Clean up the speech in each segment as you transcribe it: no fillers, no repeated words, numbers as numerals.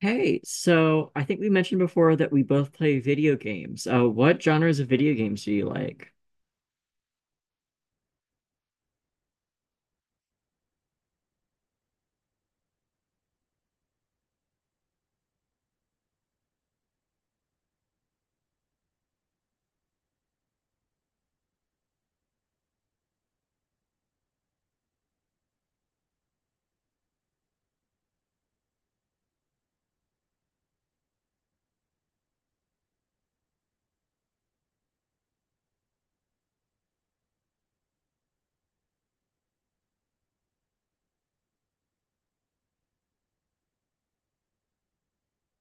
Hey, so I think we mentioned before that we both play video games. What genres of video games do you like?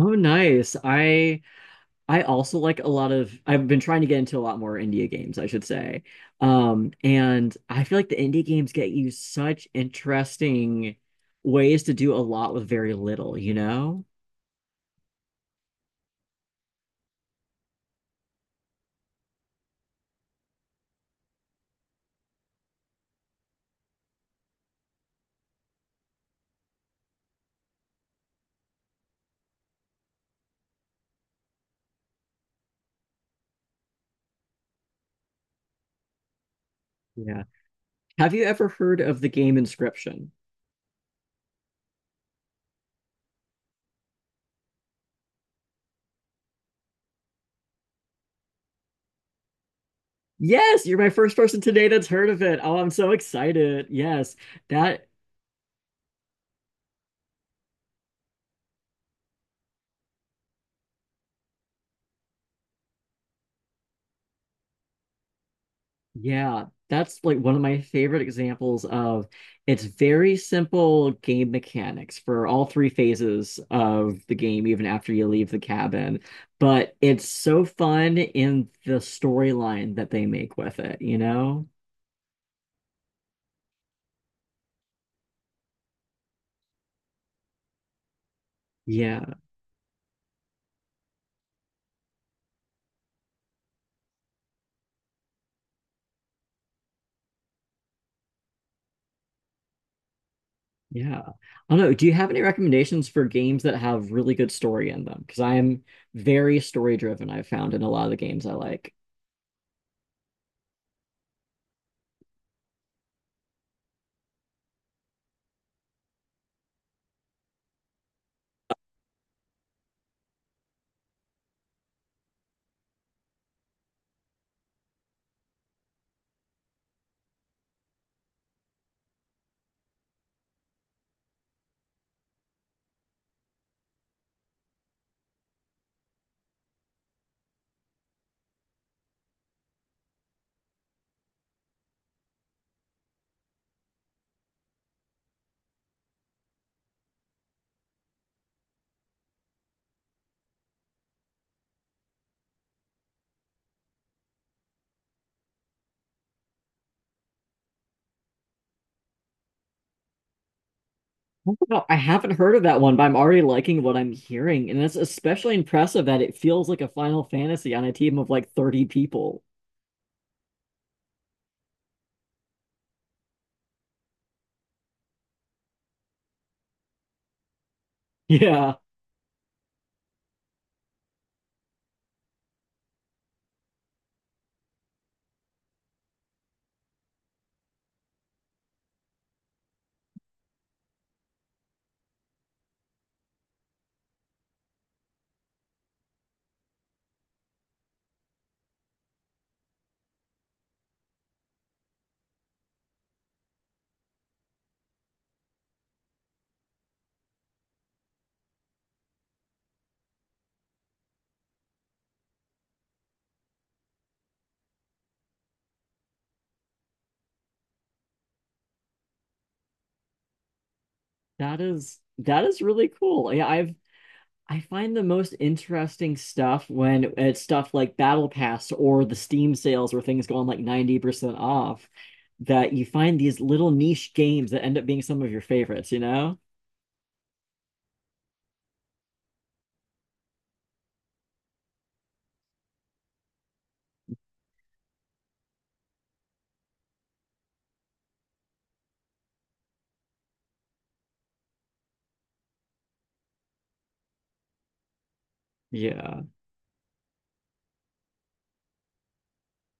Oh, nice. I also like a lot of I've been trying to get into a lot more indie games, I should say. And I feel like the indie games get you such interesting ways to do a lot with very little, you know? Yeah. Have you ever heard of the game Inscription? Yes, you're my first person today that's heard of it. Oh, I'm so excited. Yes. That Yeah, that's like one of my favorite examples of it's very simple game mechanics for all three phases of the game, even after you leave the cabin. But it's so fun in the storyline that they make with it, you know? Yeah, yeah. I don't know. Do you have any recommendations for games that have really good story in them? Because I am very story driven, I've found in a lot of the games I like. Oh, wow, I haven't heard of that one, but I'm already liking what I'm hearing. And it's especially impressive that it feels like a Final Fantasy on a team of like 30 people. Yeah, that is really cool. Yeah, I've I find the most interesting stuff when it's stuff like Battle Pass or the Steam sales where things go on like 90% off, that you find these little niche games that end up being some of your favorites, you know? Yeah.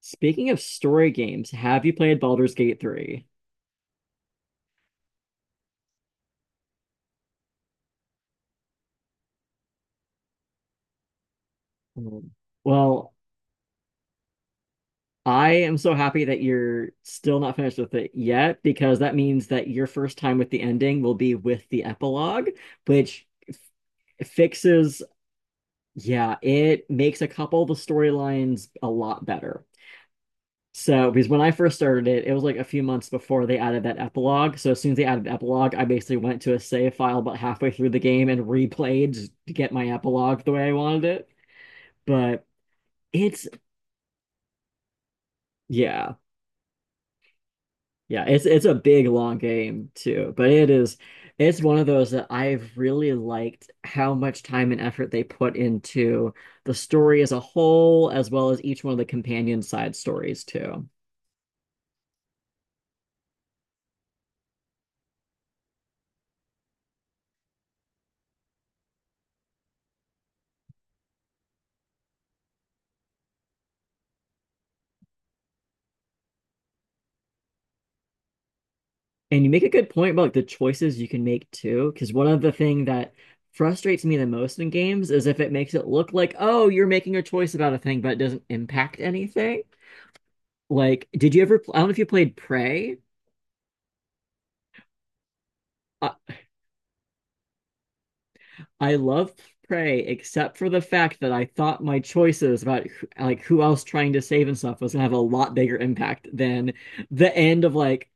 Speaking of story games, have you played Baldur's Gate 3? Mm. Well, I am so happy that you're still not finished with it yet, because that means that your first time with the ending will be with the epilogue, which f fixes, yeah, it makes a couple of the storylines a lot better. So, because when I first started it, it was like a few months before they added that epilogue. So, as soon as they added the epilogue, I basically went to a save file about halfway through the game and replayed just to get my epilogue the way I wanted it. But it's, yeah. Yeah, it's a big long game too, but it is it's one of those that I've really liked how much time and effort they put into the story as a whole, as well as each one of the companion side stories too. And you make a good point about, like, the choices you can make too, because one of the thing that frustrates me the most in games is if it makes it look like, oh, you're making a choice about a thing, but it doesn't impact anything. Like, did you ever, I don't know if you played Prey. uh, I love Prey, except for the fact that I thought my choices about like who else trying to save and stuff was gonna have a lot bigger impact than the end of like,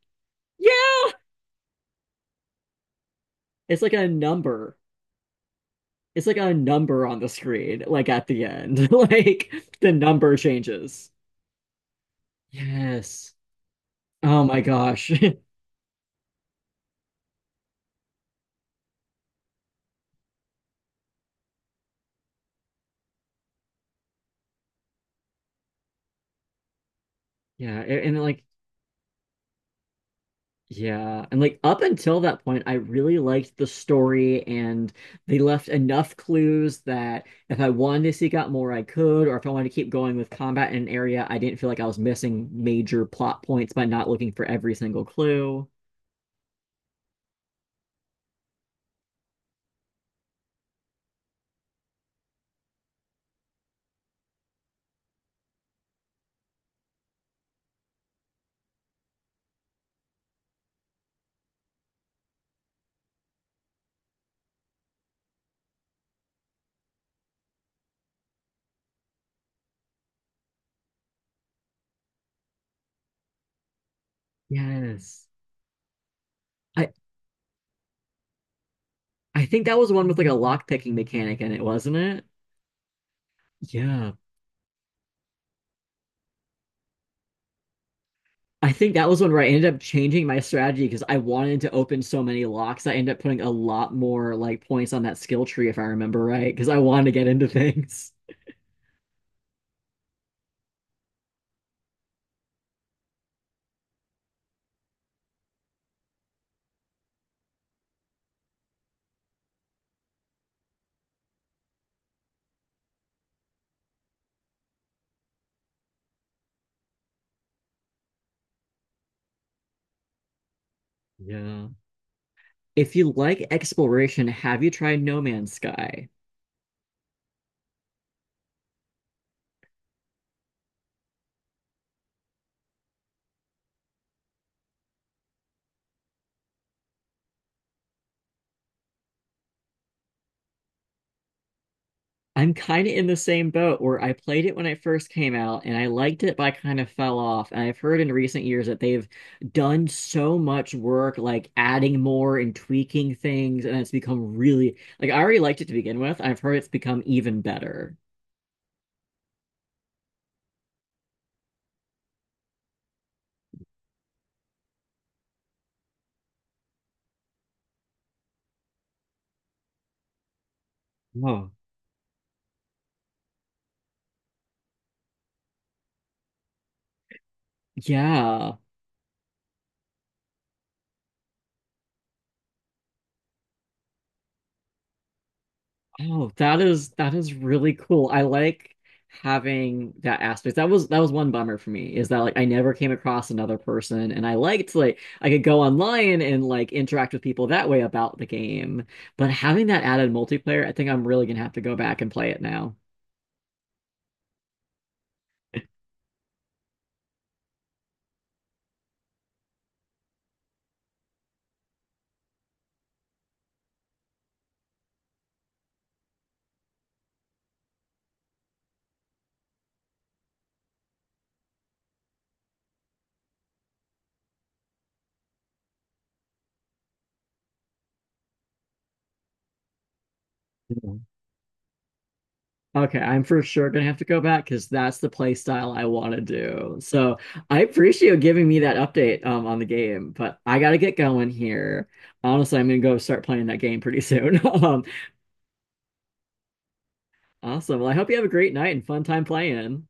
yeah, it's like a number. It's like a number on the screen, like at the end. Like the number changes. Yes. Oh my gosh. Yeah, and like Yeah, and like up until that point, I really liked the story, and they left enough clues that if I wanted to seek out more, I could, or if I wanted to keep going with combat in an area, I didn't feel like I was missing major plot points by not looking for every single clue. Yes. I I think that was the one with like a lock picking mechanic in it, wasn't it? Yeah. I think that was one where I ended up changing my strategy because I wanted to open so many locks. I ended up putting a lot more like points on that skill tree if I remember right, because I wanted to get into things. Yeah. If you like exploration, have you tried No Man's Sky? I'm kind of in the same boat where I played it when it first came out and I liked it, but I kind of fell off. And I've heard in recent years that they've done so much work, like adding more and tweaking things, and it's become really like I already liked it to begin with. I've heard it's become even better. Oh, yeah. Oh, that is really cool. I like having that aspect. That was one bummer for me is that like I never came across another person and I liked like I could go online and like interact with people that way about the game. But having that added multiplayer, I think I'm really gonna have to go back and play it now. Okay, I'm for sure gonna have to go back because that's the play style I want to do. So I appreciate you giving me that update on the game, but I gotta get going here. Honestly, I'm gonna go start playing that game pretty soon. Awesome. Well, I hope you have a great night and fun time playing.